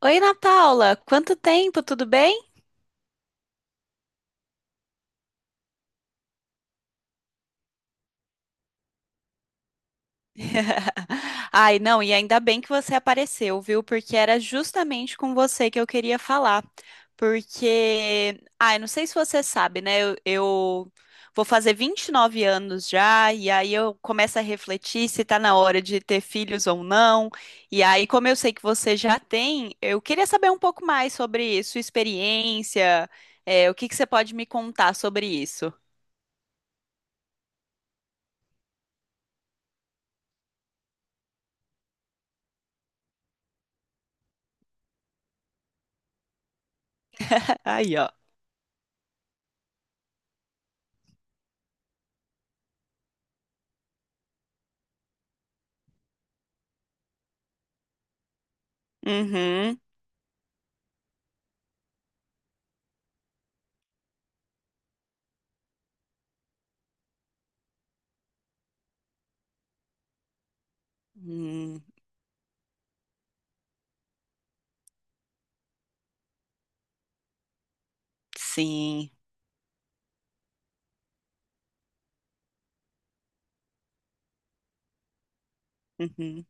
Oi, Ana Paula, quanto tempo, tudo bem? Ai, não, e ainda bem que você apareceu, viu? Porque era justamente com você que eu queria falar. Porque, ai, não sei se você sabe, né? Eu vou fazer 29 anos já, e aí eu começo a refletir se tá na hora de ter filhos ou não. E aí, como eu sei que você já tem, eu queria saber um pouco mais sobre sua experiência, o que que você pode me contar sobre isso? Aí, ó. Uhum. Hum, sim. Uhum.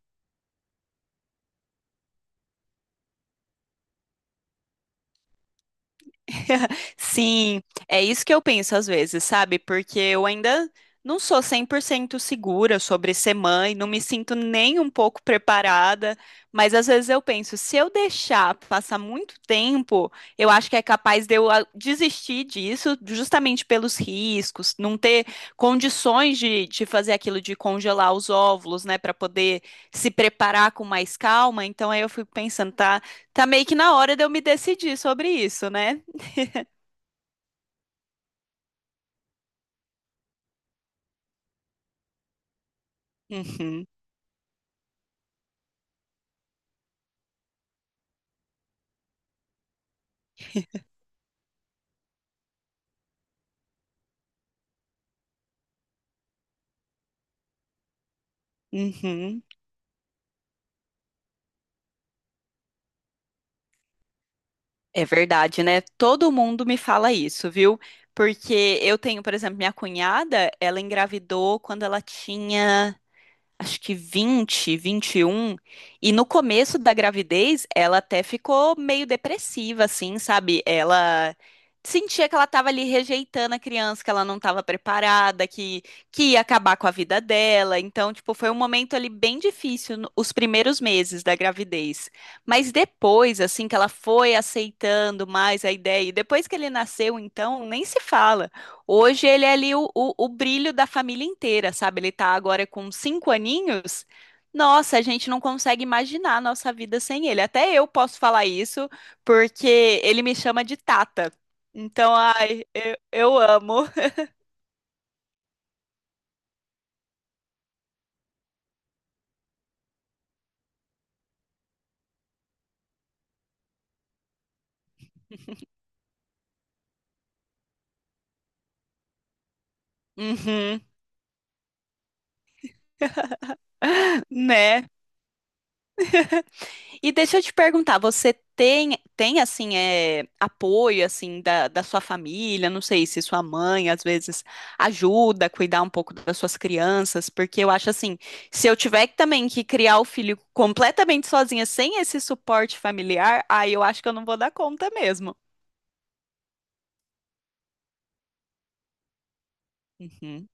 Sim, é isso que eu penso às vezes, sabe? Porque eu ainda não sou 100% segura sobre ser mãe, não me sinto nem um pouco preparada, mas às vezes eu penso, se eu deixar passar muito tempo, eu acho que é capaz de eu desistir disso, justamente pelos riscos, não ter condições de fazer aquilo de congelar os óvulos, né, para poder se preparar com mais calma. Então aí eu fico pensando, tá, tá meio que na hora de eu me decidir sobre isso, né? Uhum, uhum. É verdade, né? Todo mundo me fala isso, viu? Porque eu tenho, por exemplo, minha cunhada, ela engravidou quando ela tinha acho que 20, 21, e um, e no começo da gravidez ela até ficou meio depressiva, assim, sabe? Ela sentia que ela estava ali rejeitando a criança, que ela não estava preparada, que ia acabar com a vida dela. Então, tipo, foi um momento ali bem difícil, os primeiros meses da gravidez. Mas depois, assim, que ela foi aceitando mais a ideia, e depois que ele nasceu, então, nem se fala. Hoje ele é ali o brilho da família inteira, sabe? Ele tá agora com 5 aninhos. Nossa, a gente não consegue imaginar a nossa vida sem ele. Até eu posso falar isso, porque ele me chama de Tata. Então, ai, eu amo. Uhum, né? E deixa eu te perguntar, você tem assim, apoio, assim, da sua família? Não sei se sua mãe, às vezes, ajuda a cuidar um pouco das suas crianças, porque eu acho assim, se eu tiver também que criar o filho completamente sozinha, sem esse suporte familiar, aí eu acho que eu não vou dar conta mesmo. Uhum,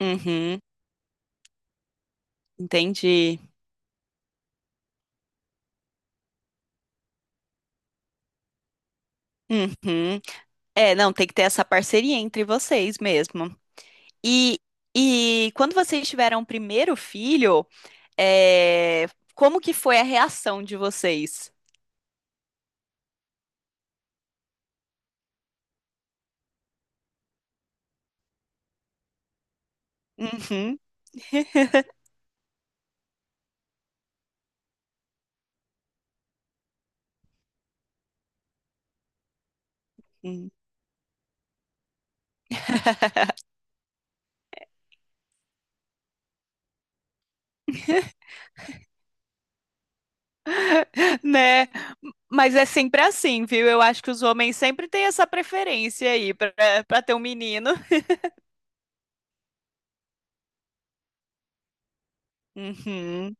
uhum, entendi. Uhum. É, não, tem que ter essa parceria entre vocês mesmo. E, e quando vocês tiveram o primeiro filho, É, como que foi a reação de vocês? Uhum. Hum. Né? Mas é sempre assim, viu? Eu acho que os homens sempre têm essa preferência aí pra para ter um menino. Uhum.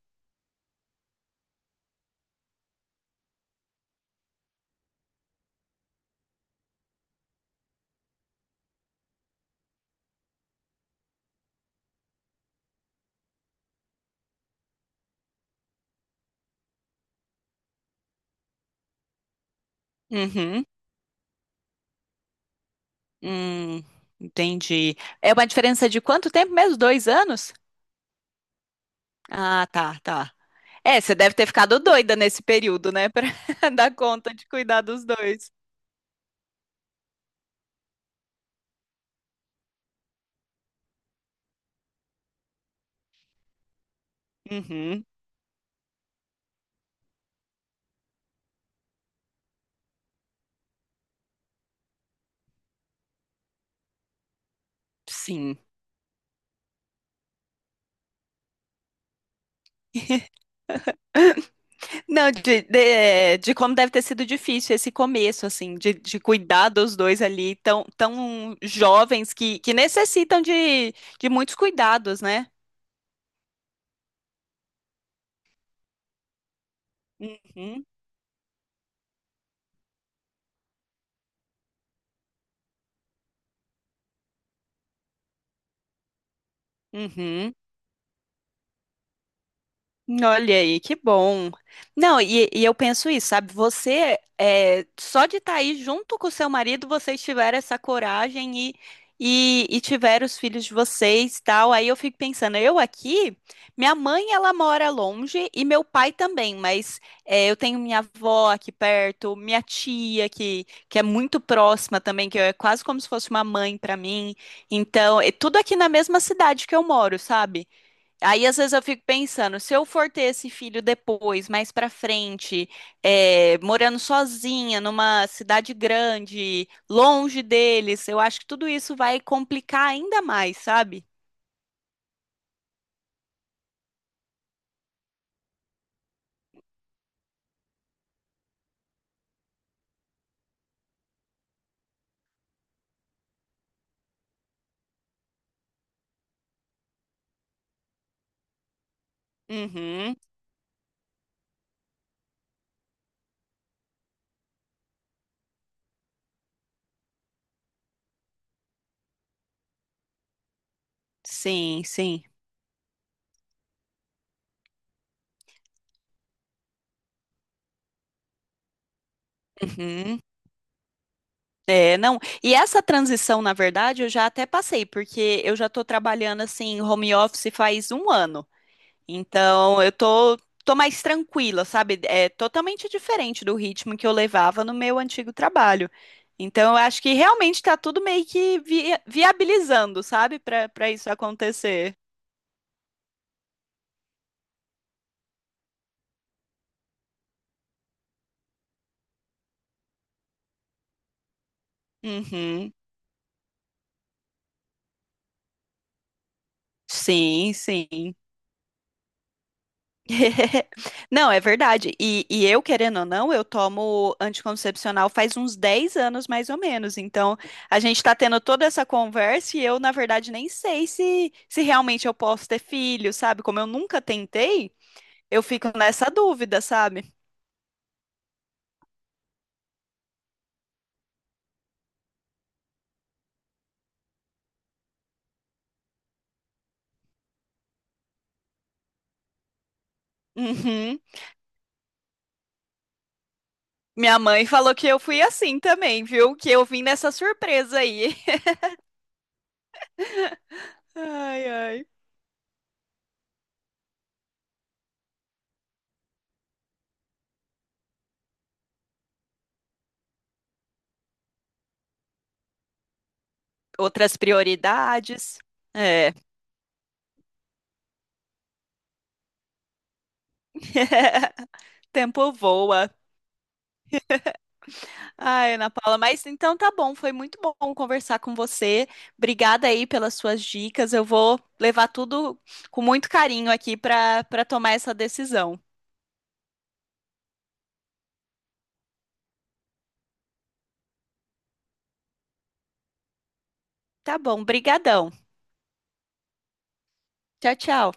Uhum. Hum, entendi. É uma diferença de quanto tempo mesmo? 2 anos? Ah, tá, tá. É, você deve ter ficado doida nesse período, né? Pra dar conta de cuidar dos dois. Uhum. Sim. Não, de como deve ter sido difícil esse começo, assim, de cuidar dos dois ali, tão, tão jovens que necessitam de muitos cuidados, né? Uhum, uhum. Olha aí, que bom. Não, e eu penso isso, sabe? Você, só de estar aí junto com o seu marido, vocês tiveram essa coragem e tiveram os filhos de vocês, tal. Aí eu fico pensando, eu aqui, minha mãe, ela mora longe e meu pai também, mas eu tenho minha avó aqui perto, minha tia que é muito próxima também, que é quase como se fosse uma mãe para mim. Então, é tudo aqui na mesma cidade que eu moro, sabe? Aí às vezes eu fico pensando, se eu for ter esse filho depois, mais pra frente, morando sozinha numa cidade grande, longe deles, eu acho que tudo isso vai complicar ainda mais, sabe? Uhum. Sim, sim. Uhum. É, não. E essa transição, na verdade, eu já até passei, porque eu já tô trabalhando assim, home office faz um ano. Então, eu tô mais tranquila, sabe? É totalmente diferente do ritmo que eu levava no meu antigo trabalho. Então, eu acho que realmente tá tudo meio que viabilizando, sabe? Para isso acontecer. Uhum. Sim, sim. Não, é verdade. E eu, querendo ou não, eu tomo anticoncepcional faz uns 10 anos, mais ou menos. Então, a gente está tendo toda essa conversa e eu, na verdade, nem sei se realmente eu posso ter filho, sabe? Como eu nunca tentei, eu fico nessa dúvida, sabe? Uhum. Minha mãe falou que eu fui assim também, viu? Que eu vim nessa surpresa aí. Ai, ai. Outras prioridades. É. Tempo voa. Ai, Ana Paula, mas então tá bom, foi muito bom conversar com você. Obrigada aí pelas suas dicas. Eu vou levar tudo com muito carinho aqui para tomar essa decisão. Tá bom, brigadão. Tchau, tchau.